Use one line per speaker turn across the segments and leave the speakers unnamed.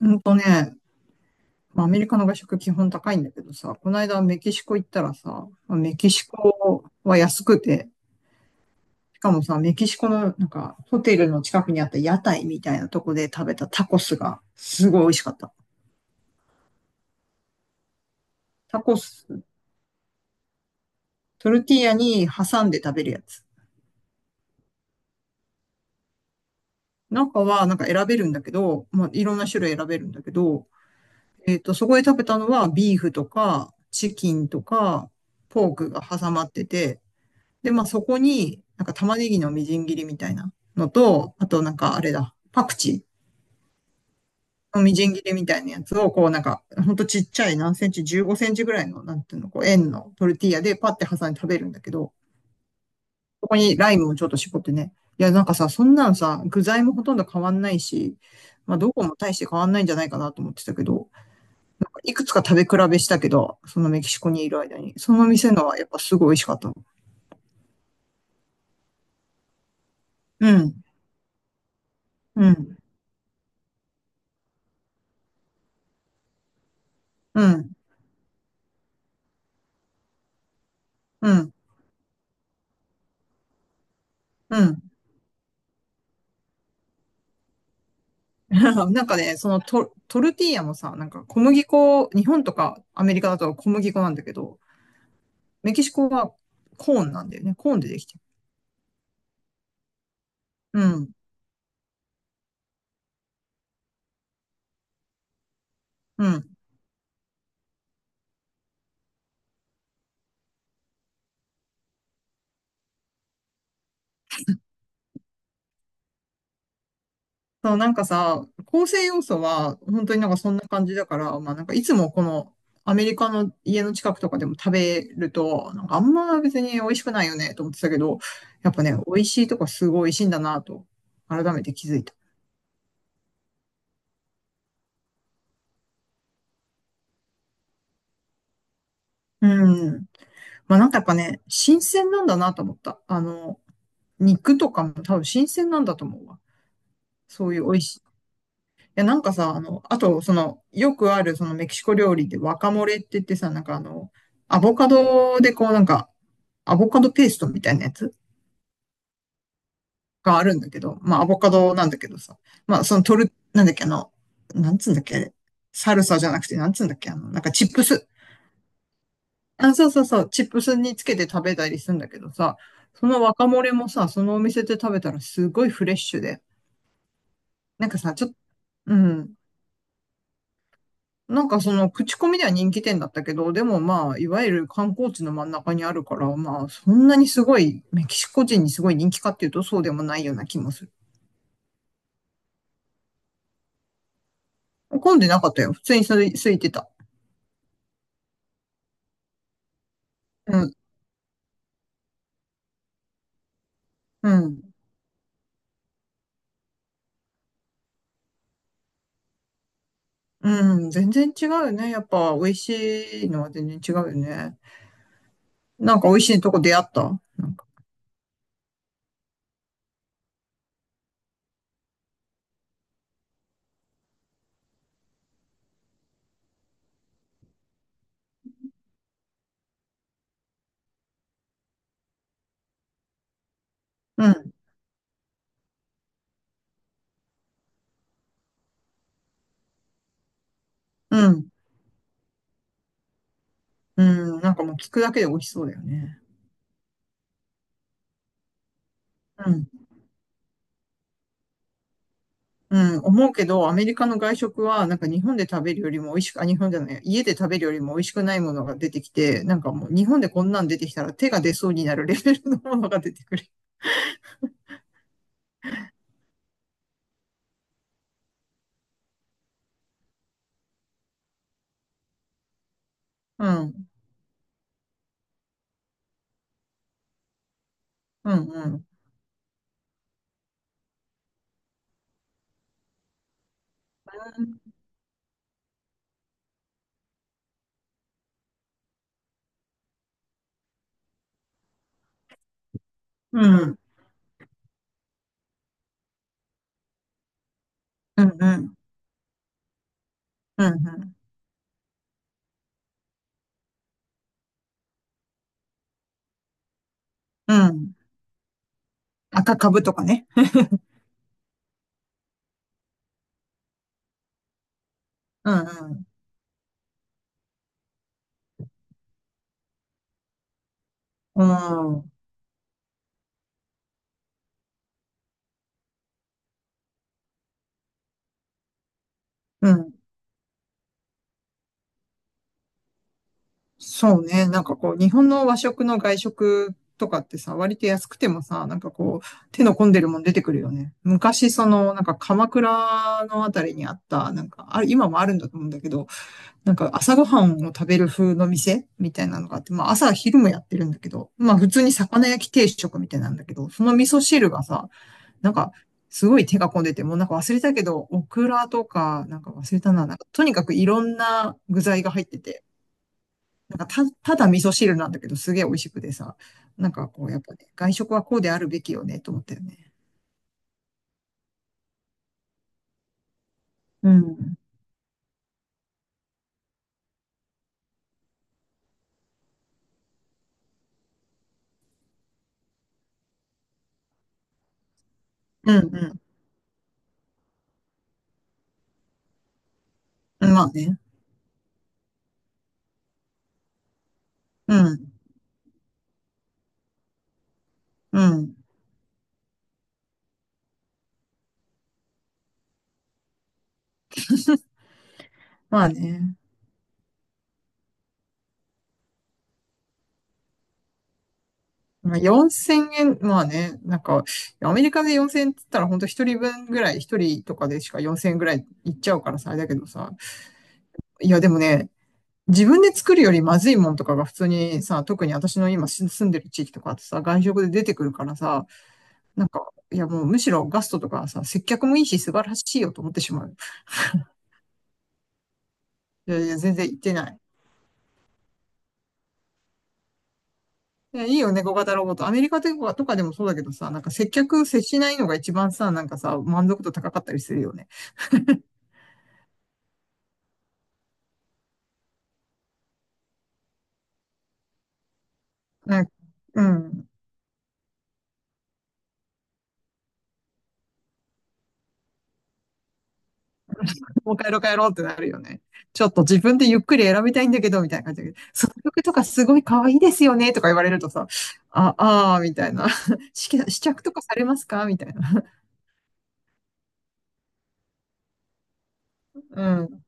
ほんとね、まあアメリカの外食基本高いんだけどさ、この間メキシコ行ったらさ、まあメキシコは安くて、しかもさ、メキシコのホテルの近くにあった屋台みたいなとこで食べたタコスがすごい美味しかった。タコス、トルティーヤに挟んで食べるやつ。中は選べるんだけど、まあいろんな種類選べるんだけど、そこで食べたのはビーフとかチキンとかポークが挟まってて、で、まあそこに、なんか玉ねぎのみじん切りみたいなのと、あとなんかあれだ、パクチーのみじん切りみたいなやつを、こうなんか、ほんとちっちゃい何センチ、15センチぐらいの、なんていうの、こう円のトルティーヤでパッて挟んで食べるんだけど、そこにライムをちょっと絞ってね。いや、なんかさ、そんなのさ、具材もほとんど変わんないし、まあどこも大して変わんないんじゃないかなと思ってたけど、いくつか食べ比べしたけど、そのメキシコにいる間に、その店のはやっぱすごい美味しかったの。うん、うん、うん、うん、うん。なんかね、トルティーヤもさ、なんか小麦粉、日本とかアメリカだと小麦粉なんだけど、メキシコはコーンなんだよね。コーンでできてる。うん。うん。そう、なんかさ、構成要素は本当になんかそんな感じだから、まあなんかいつもこのアメリカの家の近くとかでも食べると、なんかあんま別に美味しくないよねと思ってたけど、やっぱね、美味しいとこすごい美味しいんだなと、改めて気づいた。うん。まあなんかやっぱね、新鮮なんだなと思った。あの、肉とかも多分新鮮なんだと思うわ。そういう美味しい。いや、なんかさ、あの、あと、その、よくある、そのメキシコ料理でワカモレって言ってさ、なんかあの、アボカドでこう、なんか、アボカドペーストみたいなやつがあるんだけど、まあ、アボカドなんだけどさ、まあ、その、なんだっけ、あの、なんつうんだっけ、あれサルサじゃなくて、なんつうんだっけ、あの、なんかチップス。あ、そうそうそう、チップスにつけて食べたりするんだけどさ、そのワカモレもさ、そのお店で食べたらすごいフレッシュで、なんかさ、ちょっと、うん。なんかその口コミでは人気店だったけど、でもまあ、いわゆる観光地の真ん中にあるから、まあ、そんなにすごい、メキシコ人にすごい人気かっていうと、そうでもないような気もする。混んでなかったよ。普通に空いてた。うん、うん、うん、全然違うよね。やっぱ、美味しいのは全然違うよね。なんか美味しいとこ出会ったなんか、うん、うん、うん、なんかもう聞くだけで美味しそうだよね。うん。うん、思うけど、アメリカの外食は、なんか日本で食べるよりも美味しく、あ、日本じゃない、家で食べるよりも美味しくないものが出てきて、なんかもう日本でこんなん出てきたら手が出そうになるレベルのものが出てくる。うん、うん、うん。うん、うん、うん、うん、うん。うん、赤株とかね。うん、うん、うん、うん。そうね。なんかこう、日本の和食の外食とかってさ、割と安くてもさ、なんかこう、手の込んでるもん出てくるよね。昔、その、なんか鎌倉のあたりにあった、なんか、あれ、今もあるんだと思うんだけど、なんか朝ごはんを食べる風の店みたいなのがあって、まあ朝昼もやってるんだけど、まあ普通に魚焼き定食みたいなんだけど、その味噌汁がさ、なんか、すごい手が込んでて、もうなんか忘れたけど、オクラとか、なんか忘れたな、なんかとにかくいろんな具材が入ってて、ただ味噌汁なんだけど、すげえ美味しくてさ、なんかこう、やっぱね、外食はこうであるべきよね、と思ったよね。うん。うんうん。まあね。うん。うん。まあね。まあ4000円、まあね。なんか、アメリカで4000円って言ったら、ほんと一人分ぐらい、一人とかでしか4000円ぐらいいっちゃうからさ、あれだけどさ。いや、でもね、自分で作るよりまずいもんとかが普通にさ、特に私の今住んでる地域とかってさ、外食で出てくるからさ、なんか、いやもうむしろガストとかさ、接客もいいし素晴らしいよと思ってしまう。いやいや、全然言ってない。いや、いいよね、猫型ロボット。アメリカとかでもそうだけどさ、なんか接客接しないのが一番さ、なんかさ、満足度高かったりするよね。なんか、うん。もう帰ろう帰ろうってなるよね。ちょっと自分でゆっくり選びたいんだけど、みたいな感じで。その曲とかすごい可愛いですよね、とか言われるとさ、あ、ああ、みたいな。試着とかされますかみたいな。うん。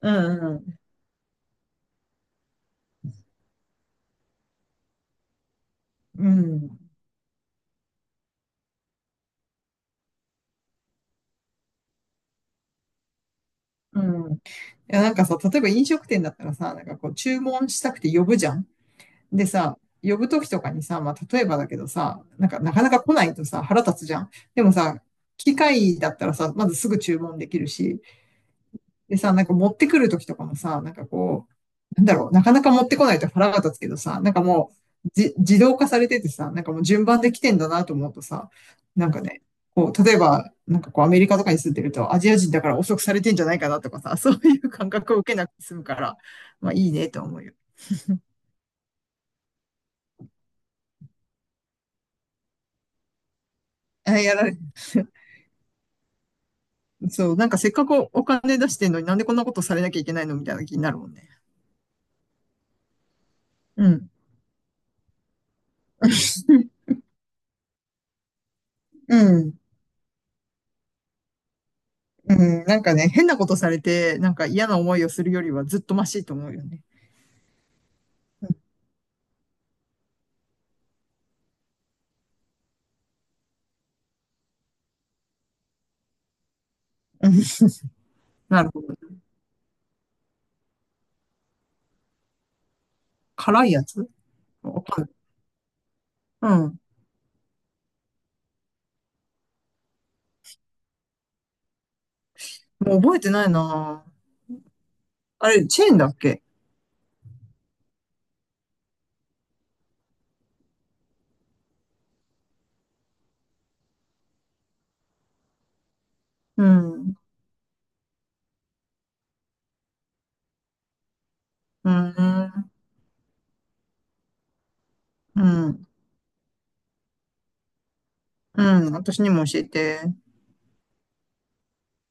うん。うん。うん。うん。いや、なんかさ、例えば飲食店だったらさ、なんかこう、注文したくて呼ぶじゃん。でさ、呼ぶときとかにさ、まあ、例えばだけどさ、なんかなかなか来ないとさ、腹立つじゃん。でもさ、機械だったらさ、まずすぐ注文できるし、でさ、なんか持ってくるときとかもさ、なんかこう、なんだろう、なかなか持ってこないと腹が立つけどさ、なんかもう、じ、自動化されててさ、なんかもう順番で来てんだなと思うとさ、なんかね、こう、例えば、なんかこうアメリカとかに住んでると、アジア人だから遅くされてんじゃないかなとかさ、そういう感覚を受けなくて済むから、まあいいねと思うよ。あ、やられ、そう、なんかせっかくお金出してんのになんでこんなことされなきゃいけないのみたいな気になるもんね。うん。うん。うん、なんかね、変なことされて、なんか嫌な思いをするよりはずっとマシと思うよね。うん、うん、なるほど。辛いやつ、わかる、うん。もう覚えてないな。あれ、チェーンだっけ？うん。うん。うん。うん。私にも教えて。